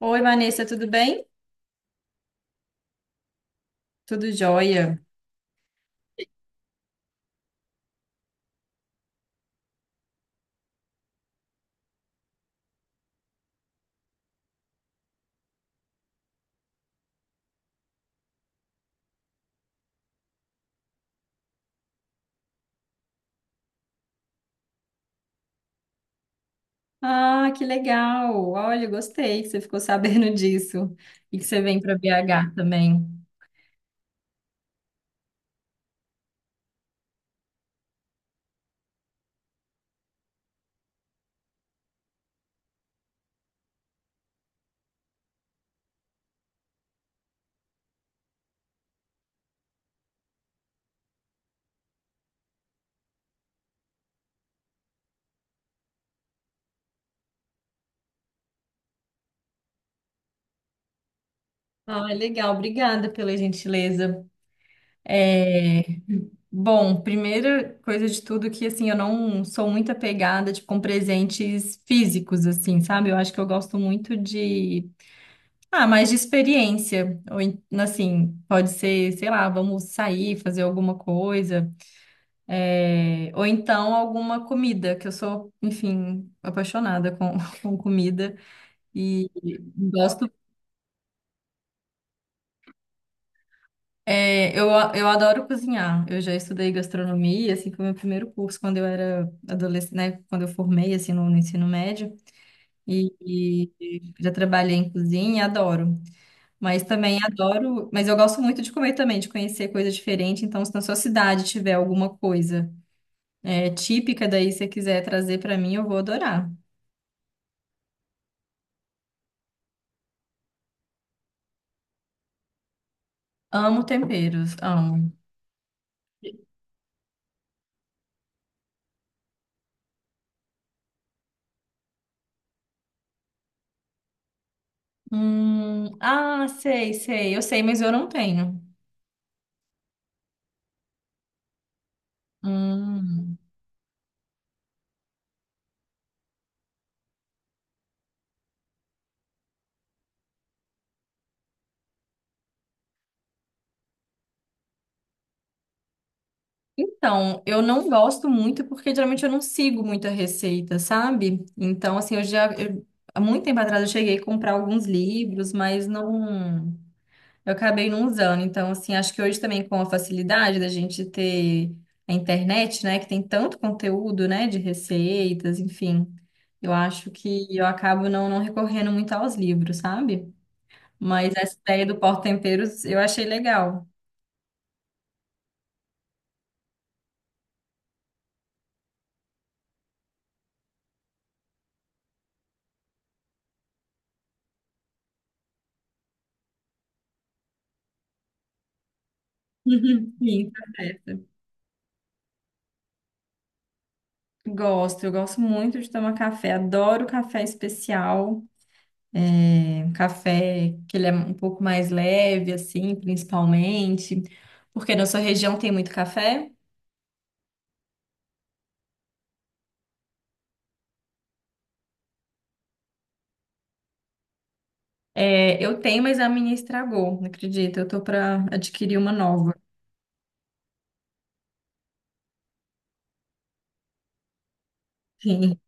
Oi, Vanessa, tudo bem? Tudo jóia. Ah, que legal. Olha, gostei que você ficou sabendo disso e que você vem para BH também. Ah, legal. Obrigada pela gentileza. É, Bom, primeira coisa de tudo que, assim, eu não sou muito apegada, tipo, com presentes físicos, assim, sabe? Eu acho que eu gosto muito de... Ah, mais de experiência. Ou, assim, pode ser, sei lá, vamos sair, fazer alguma coisa, ou então alguma comida, que eu sou, enfim, apaixonada com, com comida e gosto. é, eu, eu adoro cozinhar. Eu já estudei gastronomia, assim, foi o meu primeiro curso quando eu era adolescente, né? Quando eu formei, assim, no ensino médio. E, e já trabalhei em cozinha, adoro. Mas também adoro. Mas eu gosto muito de comer também, de conhecer coisa diferente. Então, se na sua cidade tiver alguma coisa típica, daí se você quiser trazer para mim, eu vou adorar. Amo temperos, amo. Ah, sei, sei, eu sei, mas eu não tenho. Hum. Então, eu não gosto muito porque geralmente eu não sigo muita receita, sabe? Então, assim, há muito tempo atrás eu cheguei a comprar alguns livros, mas não, eu acabei não usando. Então, assim, acho que hoje também com a facilidade da gente ter a internet, né, que tem tanto conteúdo, né, de receitas, enfim, eu acho que eu acabo não recorrendo muito aos livros, sabe? Mas essa ideia do porta-temperos eu achei legal. Uhum. Sim, tá certo. Gosto, eu gosto muito de tomar café, adoro café especial, é, um café que ele é um pouco mais leve, assim, principalmente, porque na sua região tem muito café. É, eu tenho, mas a minha estragou, não acredita? Eu tô para adquirir uma nova. Sim.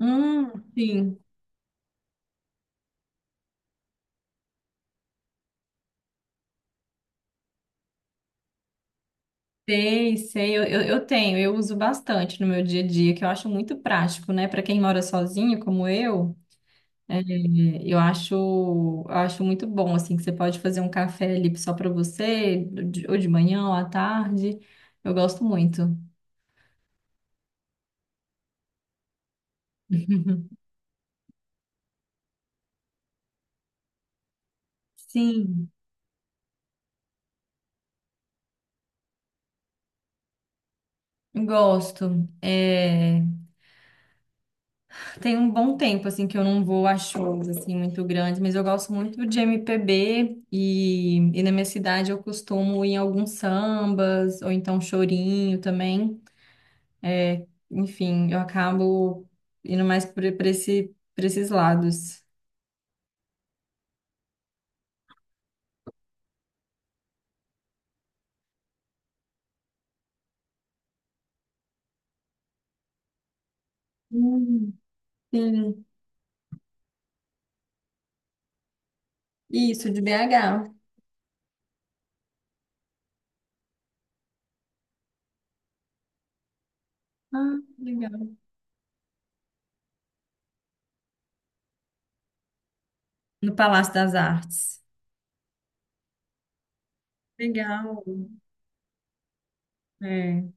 Hum, sim, sei, sei, eu tenho, eu uso bastante no meu dia a dia, que eu acho muito prático, né? Para quem mora sozinho, como eu. É, eu acho muito bom, assim, que você pode fazer um café ali só para você, ou de manhã ou à tarde. Eu gosto muito. Sim, gosto. É, tem um bom tempo, assim, que eu não vou a shows, assim, muito grandes, mas eu gosto muito de MPB e na minha cidade eu costumo ir em alguns sambas, ou então chorinho também. É, enfim, eu acabo indo mais para para esses lados. Hum. Sim, isso, de BH. Ah, legal. No Palácio das Artes. Legal. É,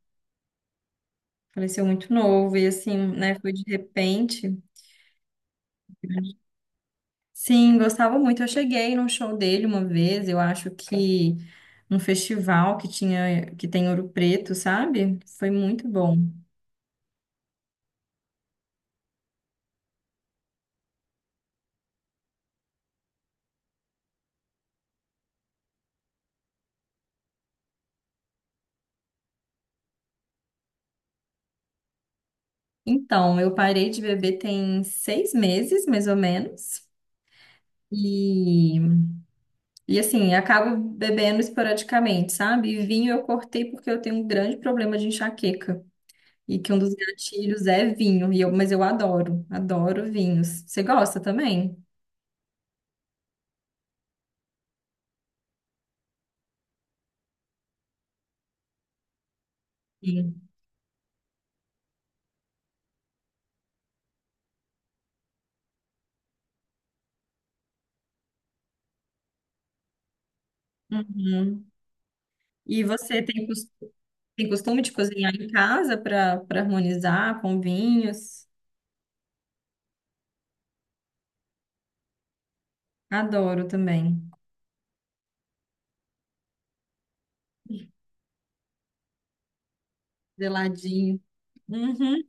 faleceu muito novo e assim, né, foi de repente. Sim, gostava muito. Eu cheguei num show dele uma vez, eu acho que num festival que tinha, que tem Ouro Preto, sabe? Foi muito bom. Então, eu parei de beber tem 6 meses, mais ou menos. E e assim, acabo bebendo esporadicamente, sabe? E vinho eu cortei porque eu tenho um grande problema de enxaqueca. E que um dos gatilhos é vinho. E eu, mas eu adoro, adoro vinhos. Você gosta também? Sim. Uhum. E você tem, tem costume de cozinhar em casa para para harmonizar com vinhos? Adoro também. Geladinho. Uhum.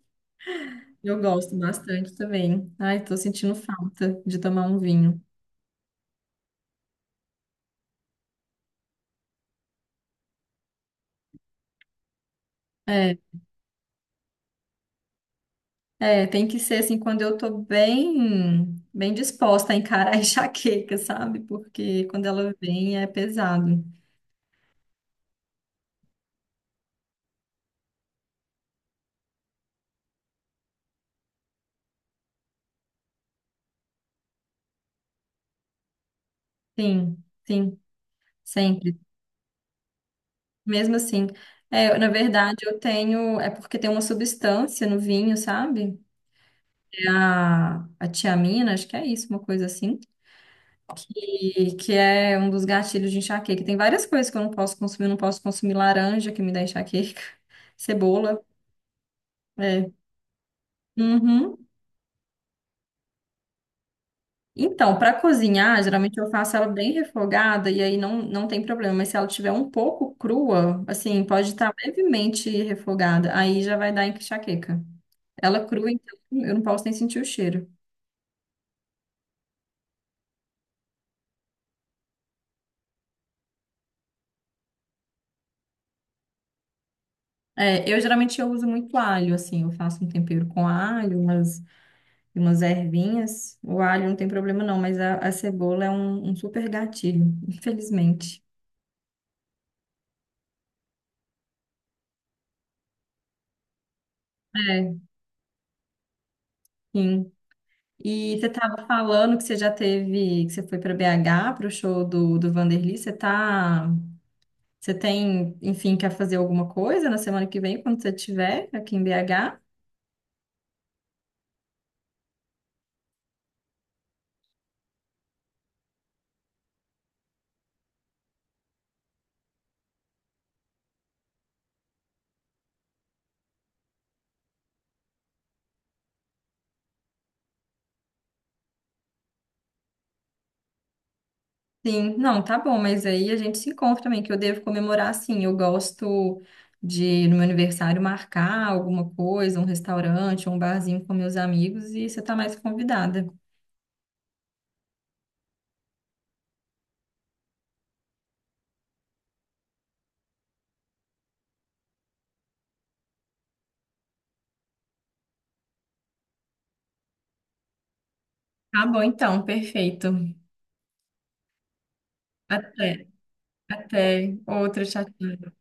Eu gosto bastante também. Ai, tô sentindo falta de tomar um vinho. É. É, tem que ser assim quando eu tô bem, bem disposta a encarar a enxaqueca, sabe? Porque quando ela vem é pesado. Sim, sim, sempre. Mesmo assim, é, na verdade eu tenho, é porque tem uma substância no vinho, sabe? É a tiamina, acho que é isso, uma coisa assim. E que é um dos gatilhos de enxaqueca. Tem várias coisas que eu não posso consumir, não posso consumir laranja que me dá enxaqueca, cebola, é. Uhum. Então, para cozinhar, geralmente eu faço ela bem refogada e aí não tem problema. Mas se ela tiver um pouco crua, assim, pode estar levemente refogada, aí já vai dar enxaqueca. Ela é crua, então eu não posso nem sentir o cheiro. É, eu uso muito alho, assim, eu faço um tempero com alho, umas, umas ervinhas. O alho não tem problema não, mas a cebola é um super gatilho, infelizmente. É, sim. E você estava falando que você já teve, que você foi para BH para o show do Vanderlei. Você tem, enfim, quer fazer alguma coisa na semana que vem, quando você estiver aqui em BH? Sim, não, tá bom, mas aí a gente se encontra também, que eu devo comemorar, sim. Eu gosto de, no meu aniversário, marcar alguma coisa, um restaurante, um barzinho com meus amigos, e você tá mais convidada. Tá bom, então, perfeito. Até, até outra, tchau.